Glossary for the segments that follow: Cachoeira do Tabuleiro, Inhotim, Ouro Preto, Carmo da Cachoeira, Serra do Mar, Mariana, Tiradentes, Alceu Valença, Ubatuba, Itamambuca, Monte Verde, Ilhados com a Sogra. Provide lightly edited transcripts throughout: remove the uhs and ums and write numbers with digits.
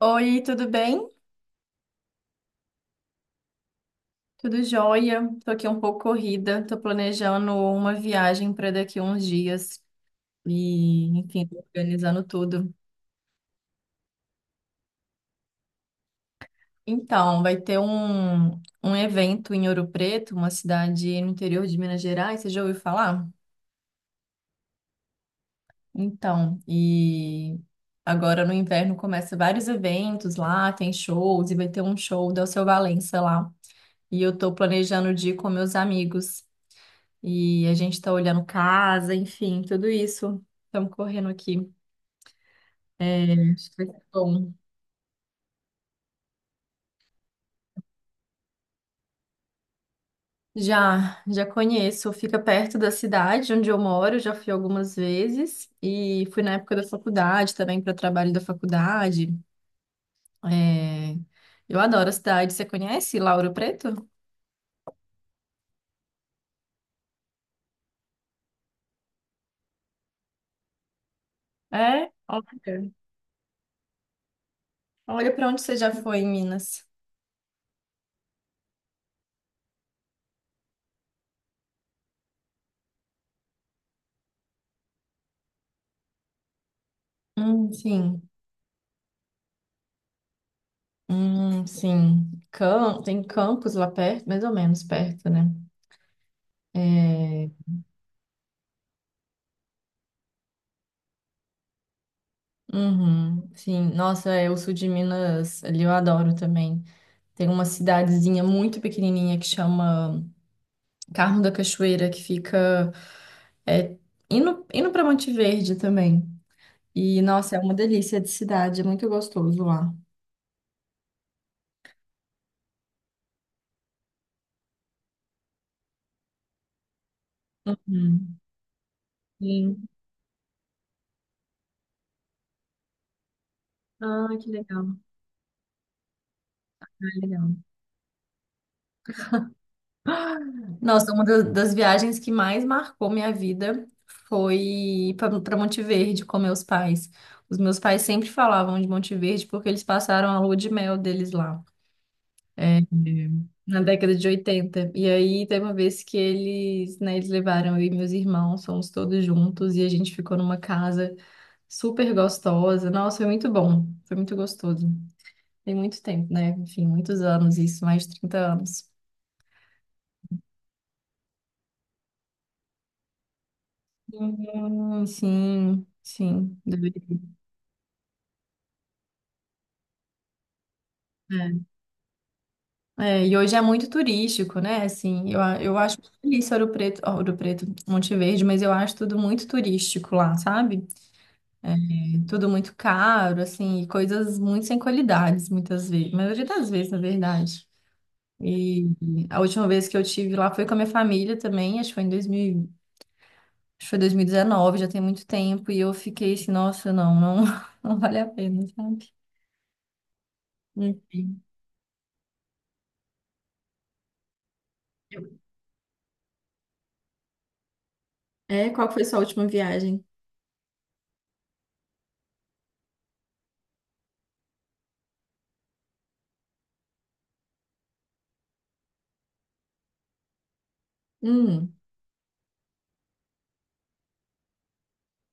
Oi, tudo bem? Tudo jóia? Tô aqui um pouco corrida, tô planejando uma viagem para daqui a uns dias e, enfim, tô organizando tudo. Então, vai ter um evento em Ouro Preto, uma cidade no interior de Minas Gerais, você já ouviu falar? Então, e agora no inverno começa vários eventos lá, tem shows e vai ter um show do Alceu Valença lá. E eu tô planejando de ir com meus amigos. E a gente tá olhando casa, enfim, tudo isso. Estamos correndo aqui. É, acho que vai ser bom. Já, já conheço. Fica perto da cidade onde eu moro, já fui algumas vezes. E fui na época da faculdade também, para trabalho da faculdade. É, eu adoro a cidade. Você conhece Lauro Preto? É? Olha, olha para onde você já foi em Minas. Sim. Sim. Tem campos lá perto, mais ou menos perto, né? É, uhum, sim. Nossa, é, o sul de Minas, ali eu adoro também. Tem uma cidadezinha muito pequenininha que chama Carmo da Cachoeira, que fica é, indo para Monte Verde também. E, nossa, é uma delícia de cidade, é muito gostoso lá. Hum, sim. Ah, que legal. Ah, legal. Nossa, uma das viagens que mais marcou minha vida foi para Monte Verde com meus pais. Os meus pais sempre falavam de Monte Verde porque eles passaram a lua de mel deles lá. É, na década de 80. E aí tem uma vez que eles, né, eles levaram eu e meus irmãos, fomos todos juntos e a gente ficou numa casa super gostosa. Nossa, foi muito bom, foi muito gostoso. Tem muito tempo, né? Enfim, muitos anos isso, mais de 30 anos. Sim, sim, deveria. É. É, e hoje é muito turístico, né? Assim, eu acho feliz Ouro Preto, Monte Verde, mas eu acho tudo muito turístico lá, sabe? Tudo muito caro, assim, e coisas muito sem qualidades, muitas vezes, maioria das vezes, na verdade. E a última vez que eu tive lá foi com a minha família também, acho que foi 2019, já tem muito tempo, e eu fiquei assim, nossa, não, não, não vale a pena, sabe? Enfim. É, qual foi sua última viagem? Hum.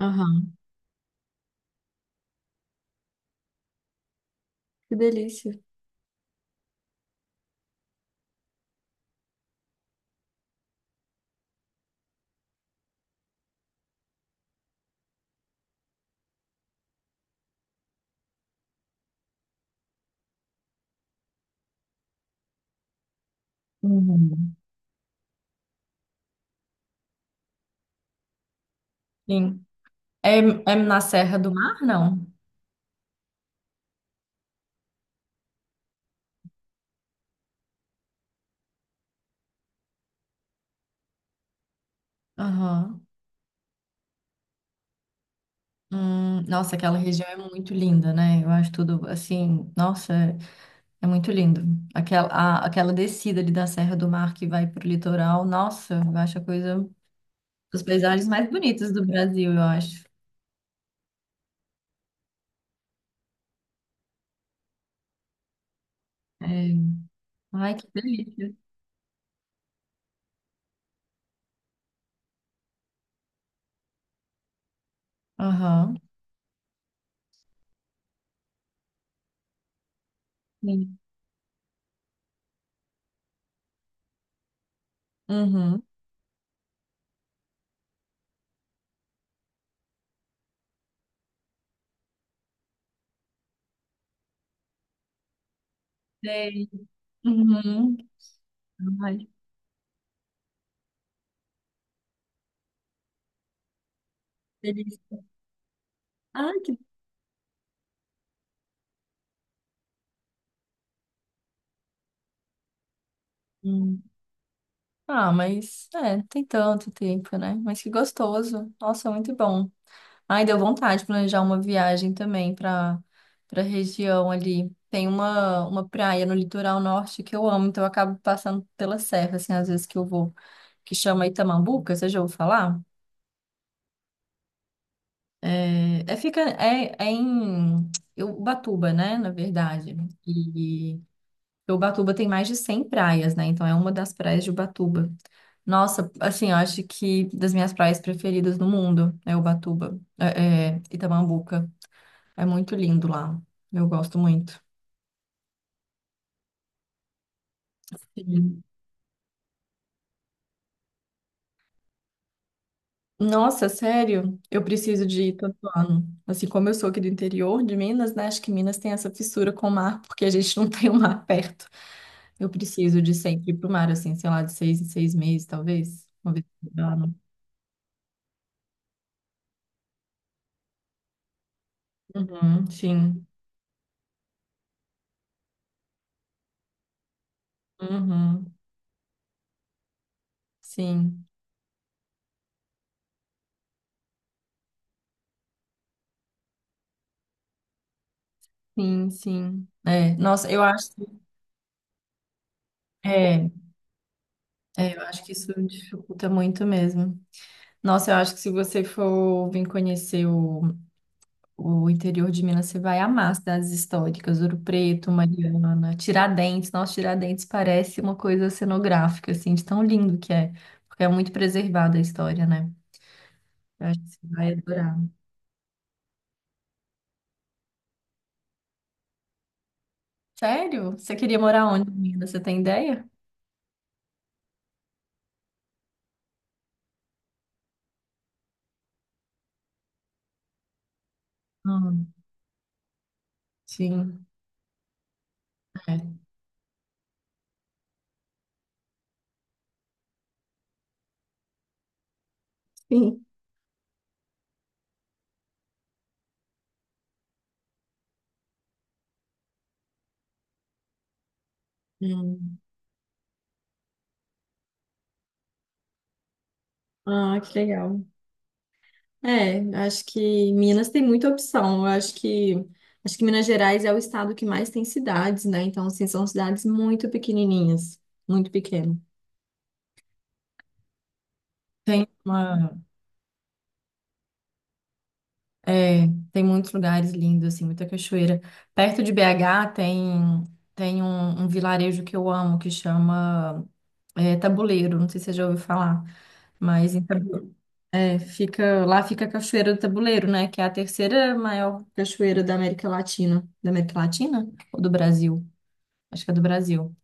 Aham. Que delícia. Uhum. Sim. É, é na Serra do Mar, não? Aham. Nossa, aquela região é muito linda, né? Eu acho tudo assim, nossa. É muito lindo. Aquela, aquela descida ali da Serra do Mar que vai para o litoral, nossa, eu acho a coisa dos paisagens mais bonitos do Brasil, eu acho. É. Ai, que delícia. Aham. Sim. Uhum. Sei. Uhum. Ai, que delícia. Ai, que. Ah, mas é, tem tanto tempo, né? Mas que gostoso. Nossa, muito bom. Ai, deu vontade de planejar uma viagem também para região ali. Tem uma praia no litoral norte que eu amo, então eu acabo passando pela serra, assim, às vezes que eu vou, que chama Itamambuca, você já ouviu falar? É em Ubatuba, né, na verdade. Ubatuba tem mais de 100 praias, né? Então é uma das praias de Ubatuba. Nossa, assim, eu acho que das minhas praias preferidas no mundo é Ubatuba, Itamambuca. É muito lindo lá. Eu gosto muito. Sim. Nossa, sério? Eu preciso de ir todo ano. Assim, como eu sou aqui do interior de Minas, né? Acho que Minas tem essa fissura com o mar, porque a gente não tem o mar perto. Eu preciso de sempre ir pro mar, assim, sei lá, de 6 em 6 meses, talvez. Uma vez por ano. Uhum, sim. Uhum. Sim, sim, sim. É, nossa, eu acho que, é, é, eu acho que isso dificulta muito mesmo. Nossa, eu acho que se você for vir conhecer o interior de Minas, você vai amar as cidades históricas, Ouro Preto, Mariana, Tiradentes. Nossa, Tiradentes parece uma coisa cenográfica, assim, de tão lindo que é, porque é muito preservada a história, né? Eu acho que você vai adorar. Sério? Você queria morar onde, Minas? Você tem ideia? Hum, sim. É. Sim. Hum. Ah, que legal. É, acho que Minas tem muita opção. Eu acho que Minas Gerais é o estado que mais tem cidades, né? Então, assim, são cidades muito pequenininhas, muito pequeno. Tem uma, é, Tem muitos lugares lindos, assim, muita cachoeira. Perto de BH tem um, vilarejo que eu amo, que chama, é, Tabuleiro, não sei se você já ouviu falar, mas em Tabu-. É, fica, lá fica a Cachoeira do Tabuleiro, né? Que é a terceira maior cachoeira da América Latina. Da América Latina? Ou do Brasil? Acho que é do Brasil.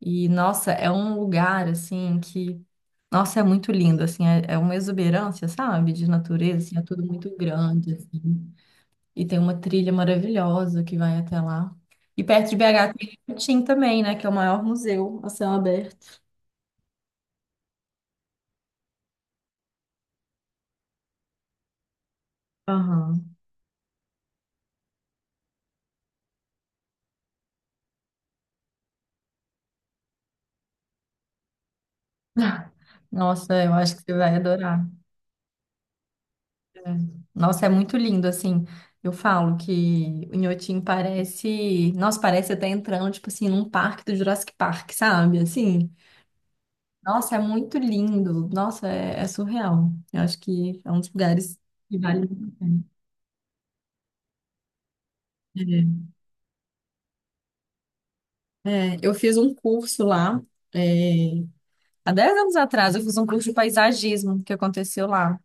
E, nossa, é um lugar, assim, que... Nossa, é muito lindo, assim. É, é uma exuberância, sabe? De natureza, assim. É tudo muito grande, assim. E tem uma trilha maravilhosa que vai até lá. E perto de BH tem o Tim também, né? Que é o maior museu a céu aberto. Aham. Nossa, eu acho que você vai adorar. É. Nossa, é muito lindo, assim. Eu falo que o Inhotim parece. Nossa, parece até entrando, tipo assim, num parque do Jurassic Park, sabe? Assim. Nossa, é muito lindo. Nossa, é, é surreal. Eu acho que é um dos lugares que vale muito a pena. É. É, eu fiz um curso lá. É, há 10 anos atrás, eu fiz um curso de paisagismo que aconteceu lá.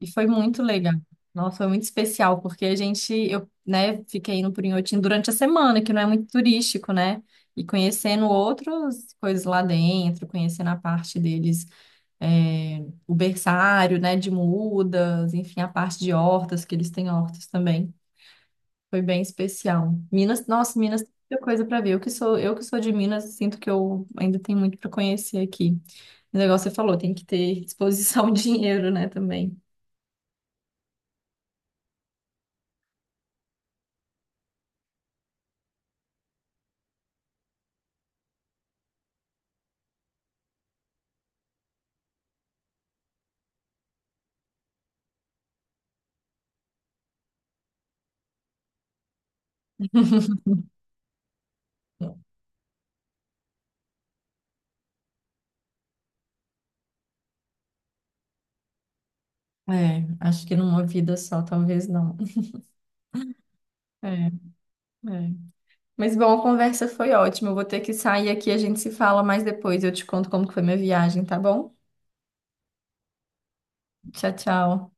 E foi muito legal. Nossa, foi muito especial, porque a gente, eu, né, fiquei indo por Inhotim durante a semana, que não é muito turístico, né? E conhecendo outras coisas lá dentro, conhecendo a parte deles, é, o berçário, né, de mudas, enfim, a parte de hortas, que eles têm hortas também. Foi bem especial. Minas, nossa, Minas tem muita coisa para ver. Eu que sou de Minas, sinto que eu ainda tenho muito para conhecer aqui. O negócio você falou, tem que ter disposição, dinheiro, né, também. É, acho que numa vida só, talvez não. É, é. Mas bom, a conversa foi ótima. Eu vou ter que sair aqui, a gente se fala mais depois. Eu te conto como que foi minha viagem, tá bom? Tchau, tchau.